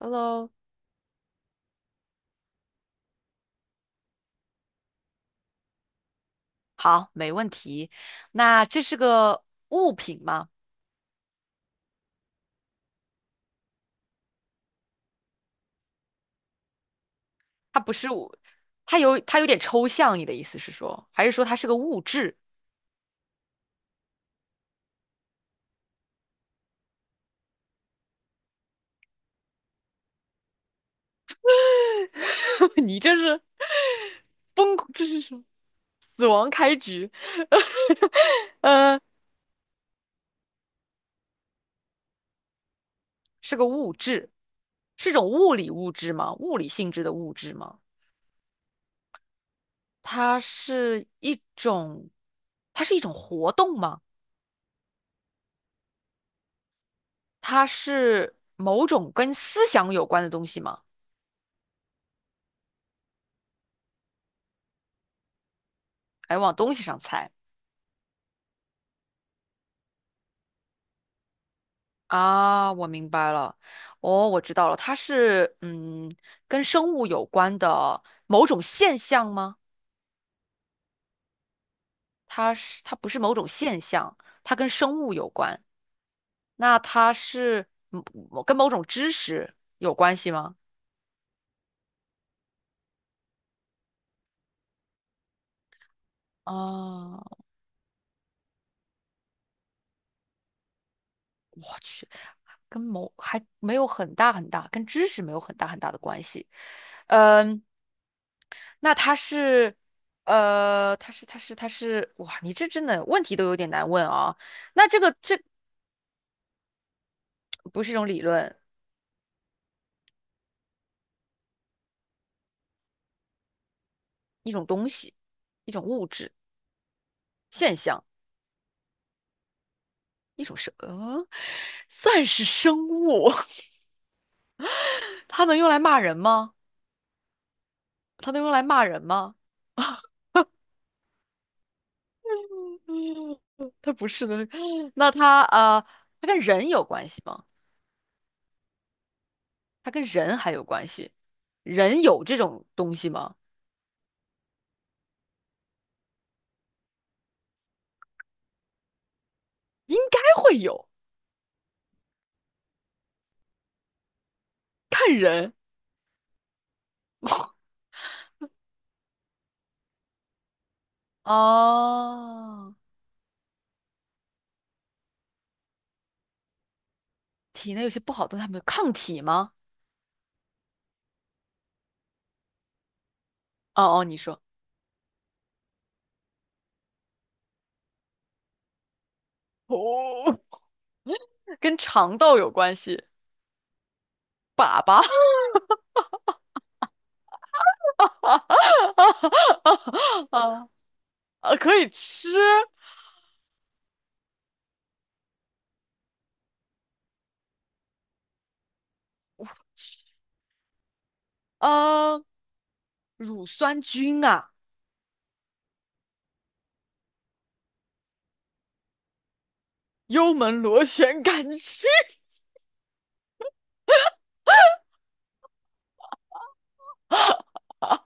Hello，好，没问题。那这是个物品吗？它不是物，它有点抽象，你的意思是说，还是说它是个物质？你这是崩，这是什么？死亡开局。呃，是个物质，是种物理物质吗？物理性质的物质吗？它是一种，它是一种活动吗？它是某种跟思想有关的东西吗？哎，往东西上猜啊，我明白了，哦，我知道了，它是跟生物有关的某种现象吗？它不是某种现象，它跟生物有关。那它是跟某种知识有关系吗？啊，我去，跟某还没有很大很大，跟知识没有很大很大的关系。嗯，那它是，它是，哇，你这真的问题都有点难问啊。那这个这不是一种理论，一种东西，一种物质现象，一种生，算是生物。它能用来骂人吗？它能用来骂人吗？啊，它不是的。那它啊，它跟人有关系吗？它跟人还有关系？人有这种东西吗？应该会有，看人。哦，体内有些不好的，它们有抗体吗？哦哦，你说哦，跟肠道有关系，粑粑 啊啊，可以吃，呃，乳酸菌啊，幽门螺旋杆菌啊，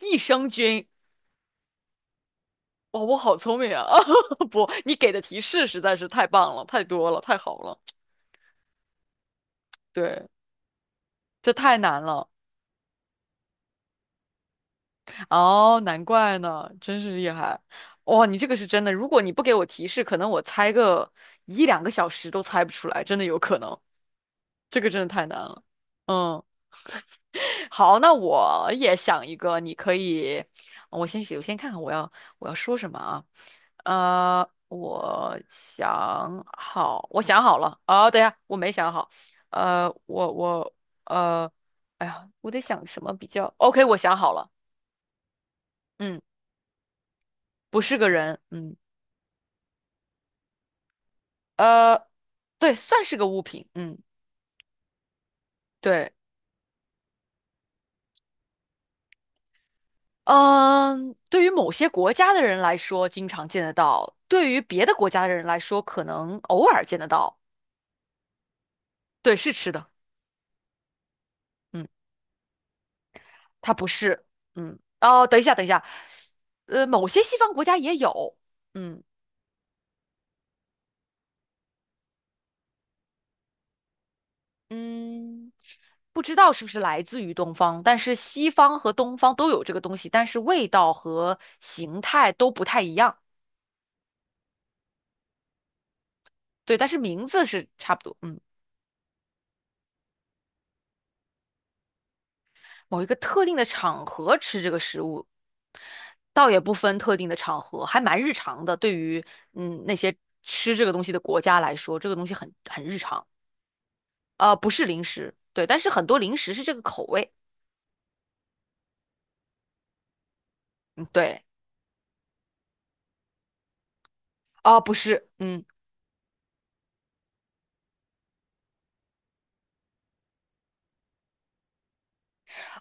益生菌。哇，我好聪明啊！不，你给的提示实在是太棒了，太多了，太好了。对，这太难了。哦，难怪呢，真是厉害！哇，你这个是真的，如果你不给我提示，可能我猜个一两个小时都猜不出来，真的有可能。这个真的太难了。嗯，好，那我也想一个，你可以，我先看看我要说什么啊？我想好了。啊，等一下，我没想好。呃，我我呃，哎呀，我得想什么比较 OK，我想好了。嗯。不是个人，嗯，呃，对，算是个物品，嗯，对，嗯，对于某些国家的人来说，经常见得到；对于别的国家的人来说，可能偶尔见得到。对，是吃的，嗯，它不是，嗯，哦，等一下，某些西方国家也有，嗯嗯，不知道是不是来自于东方，但是西方和东方都有这个东西，但是味道和形态都不太一样，对，但是名字是差不多，嗯。某一个特定的场合吃这个食物，倒也不分特定的场合，还蛮日常的。对于那些吃这个东西的国家来说，这个东西很日常。不是零食，对，但是很多零食是这个口味。嗯，对，啊、不是，嗯，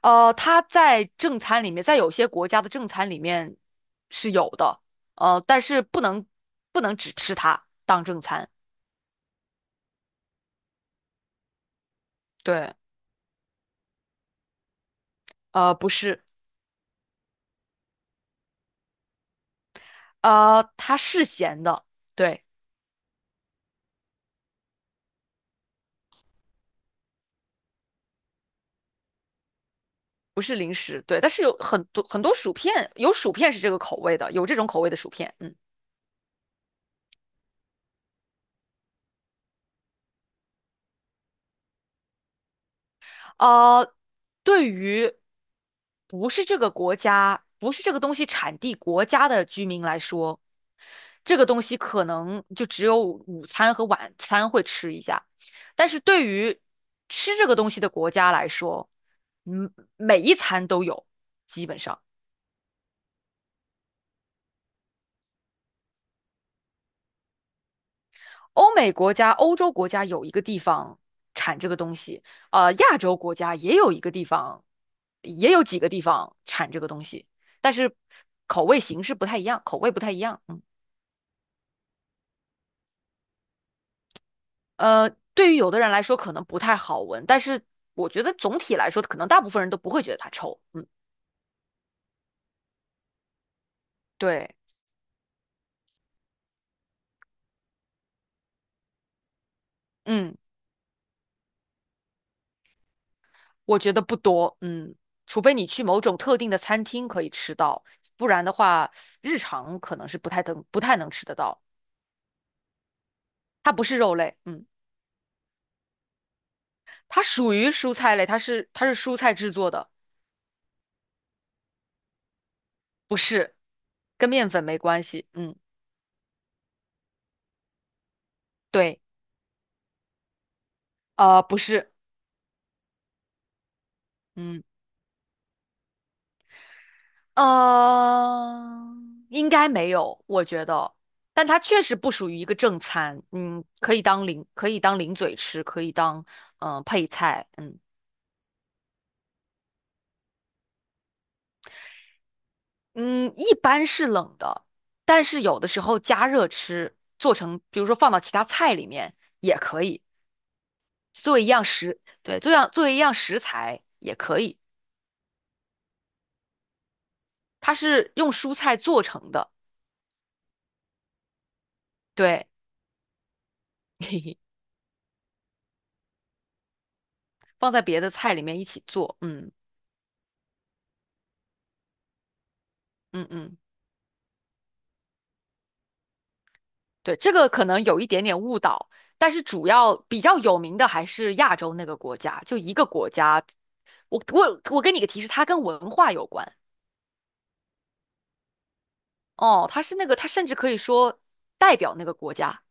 它在正餐里面，在有些国家的正餐里面是有的，呃，但是不能只吃它当正餐。对，不是，它是咸的。对。不是零食，对，但是有很多薯片，有薯片是这个口味的，有这种口味的薯片，嗯，呃，对于不是这个国家，不是这个东西产地国家的居民来说，这个东西可能就只有午餐和晚餐会吃一下，但是对于吃这个东西的国家来说，嗯，每一餐都有，基本上。欧美国家、欧洲国家有一个地方产这个东西，亚洲国家也有一个地方，也有几个地方产这个东西，但是口味形式不太一样，口味不太一样。嗯，对于有的人来说可能不太好闻，但是我觉得总体来说，可能大部分人都不会觉得它臭。嗯，对，嗯，我觉得不多，嗯，除非你去某种特定的餐厅可以吃到，不然的话，日常可能是不太能吃得到。它不是肉类，嗯。它属于蔬菜类，它是蔬菜制作的，不是，跟面粉没关系。嗯，对，不是，嗯，呃，应该没有，我觉得，但它确实不属于一个正餐，嗯，可以当零，可以当零嘴吃，可以当配菜，嗯嗯，一般是冷的，但是有的时候加热吃，做成比如说放到其他菜里面也可以，作为一样食，对，作为一样食材也可以。它是用蔬菜做成的，对，放在别的菜里面一起做，嗯嗯嗯，对，这个可能有一点点误导，但是主要比较有名的还是亚洲那个国家，就一个国家，我给你个提示，它跟文化有关，哦，它是那个，它甚至可以说代表那个国家，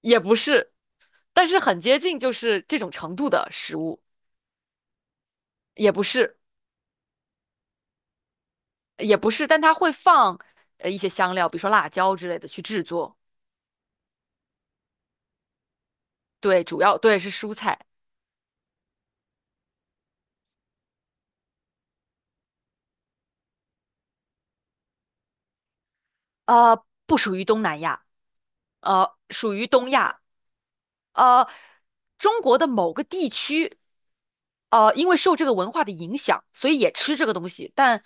也不是，但是很接近，就是这种程度的食物，也不是，也不是，但它会放一些香料，比如说辣椒之类的去制作。对，主要是蔬菜，不属于东南亚，属于东亚，呃，中国的某个地区，因为受这个文化的影响，所以也吃这个东西，但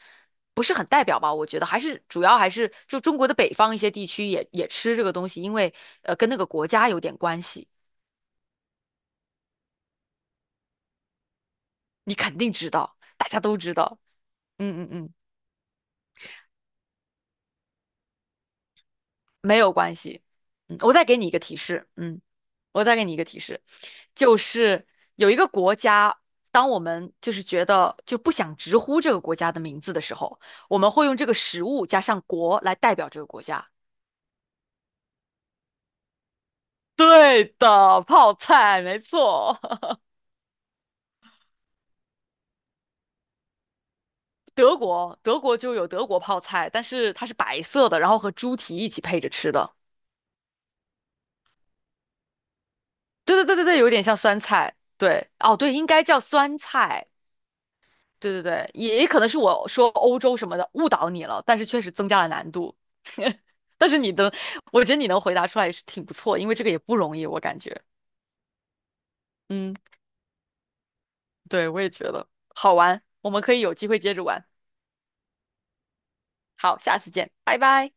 不是很代表吧？我觉得还是就中国的北方一些地区也吃这个东西，因为跟那个国家有点关系，你肯定知道，大家都知道，嗯嗯嗯。没有关系。嗯，我再给你一个提示，嗯，我再给你一个提示，就是有一个国家，当我们就是觉得就不想直呼这个国家的名字的时候，我们会用这个食物加上国来代表这个国家。对的，泡菜，没错。德国，德国就有德国泡菜，但是它是白色的，然后和猪蹄一起配着吃的。对对对对对，有点像酸菜。对，哦，对，应该叫酸菜。对对对，也也可能是我说欧洲什么的误导你了，但是确实增加了难度。但是你的，我觉得你能回答出来也是挺不错，因为这个也不容易，我感觉。嗯，对，我也觉得好玩，我们可以有机会接着玩。好，下次见，拜拜。